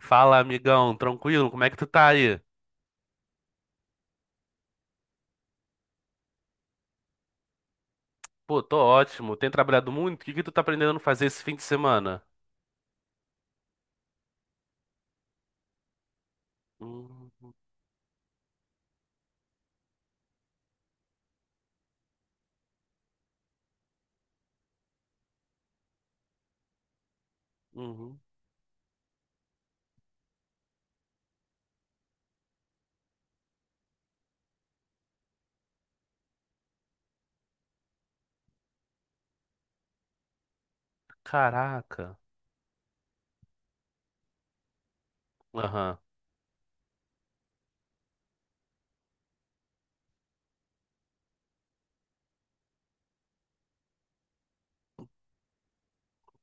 Fala, amigão, tranquilo? Como é que tu tá aí? Pô, tô ótimo. Tem trabalhado muito? O que que tu tá aprendendo a fazer esse fim de semana? Hum. Uhum. Caraca. Aham.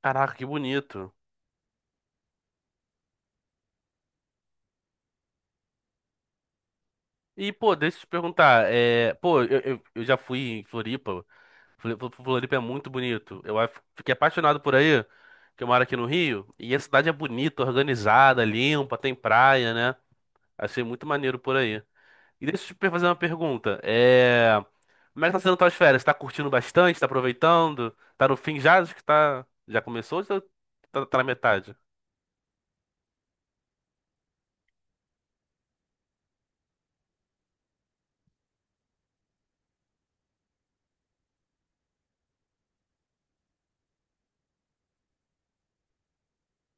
Caraca, que bonito. E, pô, deixa eu te perguntar. Pô, eu já fui em Floripa. Floripa é muito bonito. Fiquei apaixonado por aí, que eu moro aqui no Rio. E a cidade é bonita, organizada, limpa, tem praia, né? Achei muito maneiro por aí. E deixa eu te fazer uma pergunta. Como é que tá sendo tuas férias? Tá curtindo bastante? Tá aproveitando? Tá no fim já? Acho que tá... Já começou ou tá na metade?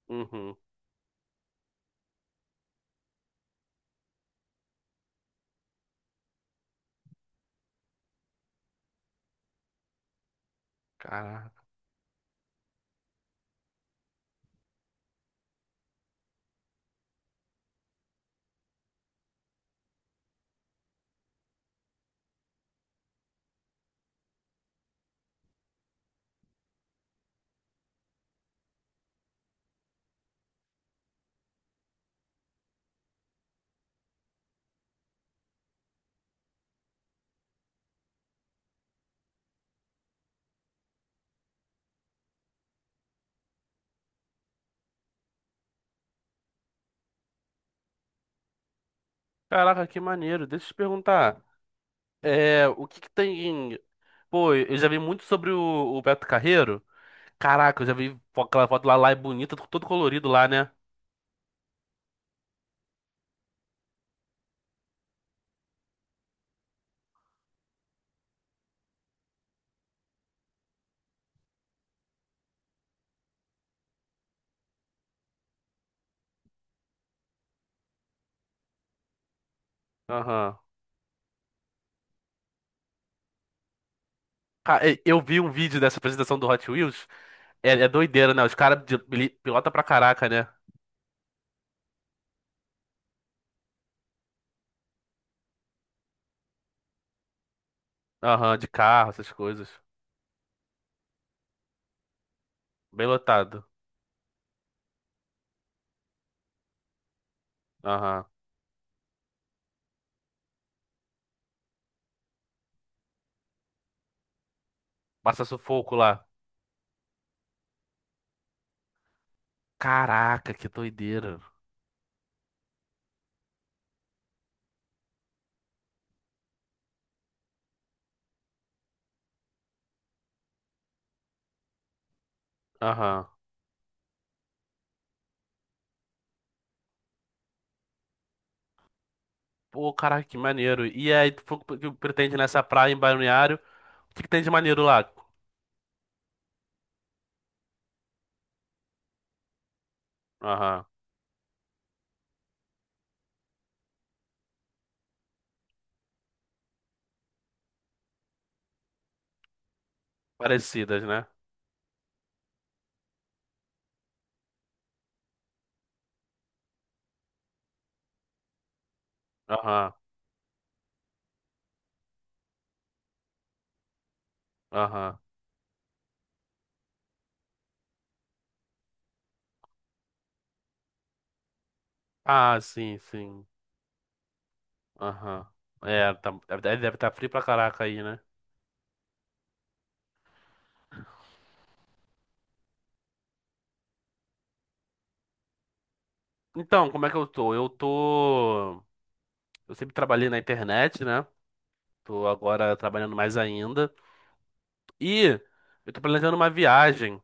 Uhum. Caraca. Caraca, que maneiro. Deixa eu te perguntar. O que que tem... Pô, eu já vi muito sobre o Beto Carreiro. Caraca, eu já vi aquela foto lá, lá é bonita, todo colorido lá, né? Aham. Eu vi um vídeo dessa apresentação do Hot Wheels. É, é doideira, né? Os caras pilota pra caraca, né? Aham, de carro, essas coisas. Bem lotado. Aham. Passa sufoco lá. Caraca, que doideira. Aham. Pô, caraca, que maneiro. E aí, tu falou que pretende nessa praia em Balneário. O que que tem de maneiro lá? Aham. Parecidas, né? Aham. Aham. Ah, sim, sim. Aham. É, tá, deve estar frio pra caraca aí, né? Então, como é que eu tô? Eu tô. Eu sempre trabalhei na internet, né? Tô agora trabalhando mais ainda. E eu tô planejando uma viagem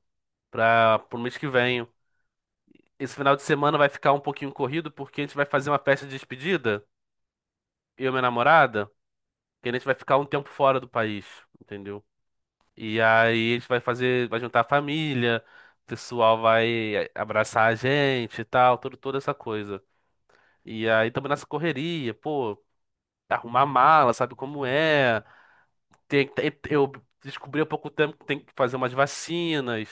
para pro mês que vem. Esse final de semana vai ficar um pouquinho corrido porque a gente vai fazer uma festa de despedida, eu e minha namorada, que a gente vai ficar um tempo fora do país, entendeu? E aí a gente vai fazer, vai juntar a família, o pessoal vai abraçar a gente e tal, toda essa coisa. E aí também nessa correria, pô, arrumar mala, sabe como é? Eu descobri há pouco tempo que tem que fazer umas vacinas.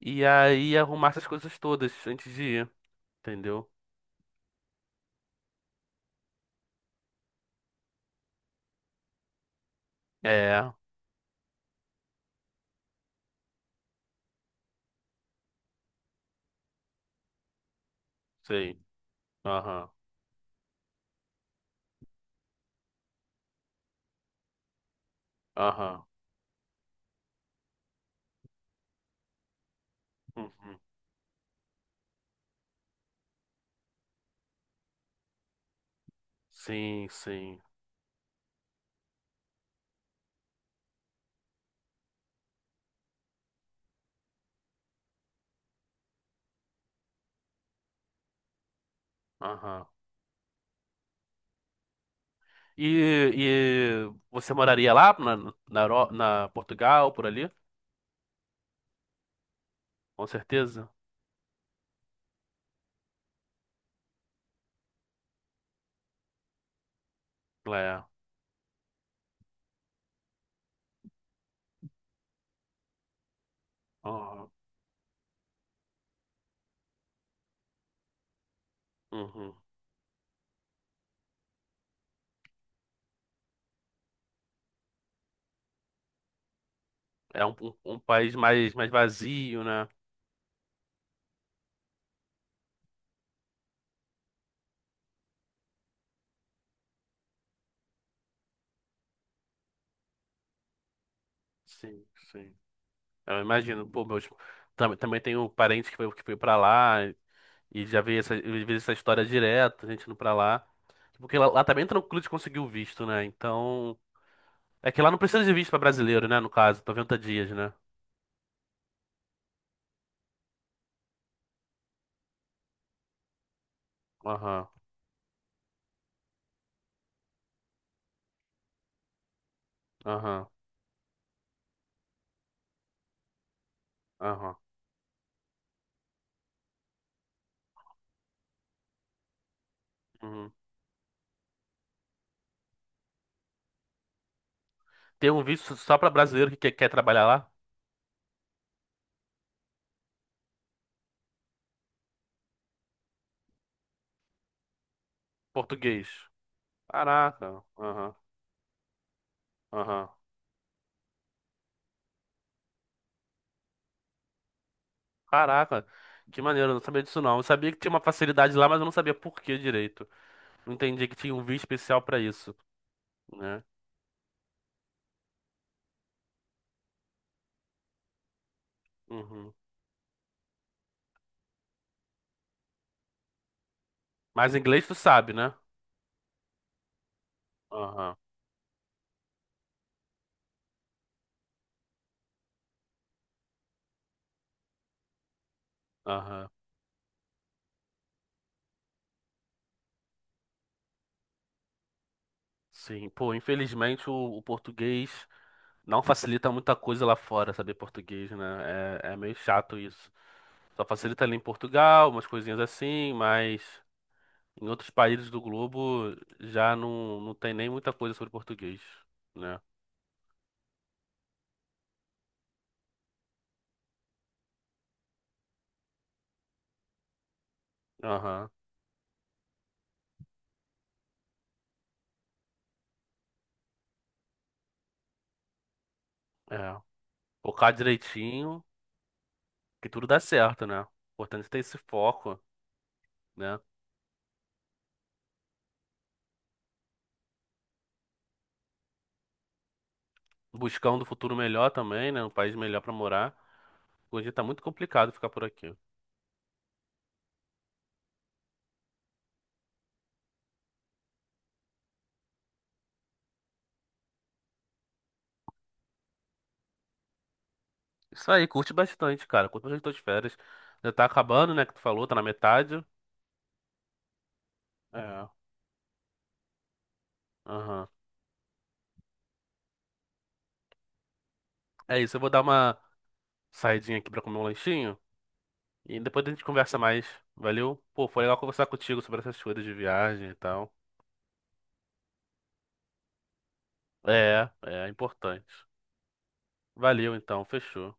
E aí arrumar essas coisas todas antes de ir, entendeu? É, sei. Aham. Aham. Uhum. Sim, sim. Aham. E, e você moraria lá na Portugal, por ali? Com certeza. Lá é. Aham. Uhum. É um, um, um país mais, mais vazio, né? Sim, sim. Eu imagino. Também, também tenho parentes que foi pra lá e já vi essa, eu vi essa história direto, gente indo pra lá. Porque lá tá bem tranquilo de conseguir o visto, né? Então. É que lá não precisa de visto pra brasileiro, né? No caso, 90 dias, né? Aham. Aham, aham. Uhum. Tem um visto só pra brasileiro que quer, quer trabalhar lá? Português. Caraca, aham, aham. Caraca, que maneiro, eu não sabia disso não. Eu sabia que tinha uma facilidade lá, mas eu não sabia por que direito. Não entendi que tinha um visto especial pra isso, né? Uhum. Mas inglês tu sabe, né? Aham, aham. Sim, pô, infelizmente o português não facilita muita coisa lá fora, saber português, né? É, é meio chato isso. Só facilita ali em Portugal, umas coisinhas assim, mas. Em outros países do globo já não, não tem nem muita coisa sobre português, né? Aham, é. Focar direitinho, que tudo dá certo, né? Importante ter esse foco, né? Buscar um do futuro melhor também, né? Um país melhor pra morar. Hoje tá muito complicado ficar por aqui. Isso aí, curte bastante, cara. Curte bastante tuas férias. Já tá acabando, né? Que tu falou, tá na metade. É. Aham. É isso, eu vou dar uma saidinha aqui pra comer um lanchinho. E depois a gente conversa mais. Valeu? Pô, foi legal conversar contigo sobre essas coisas de viagem e tal. É, é importante. Valeu então, fechou.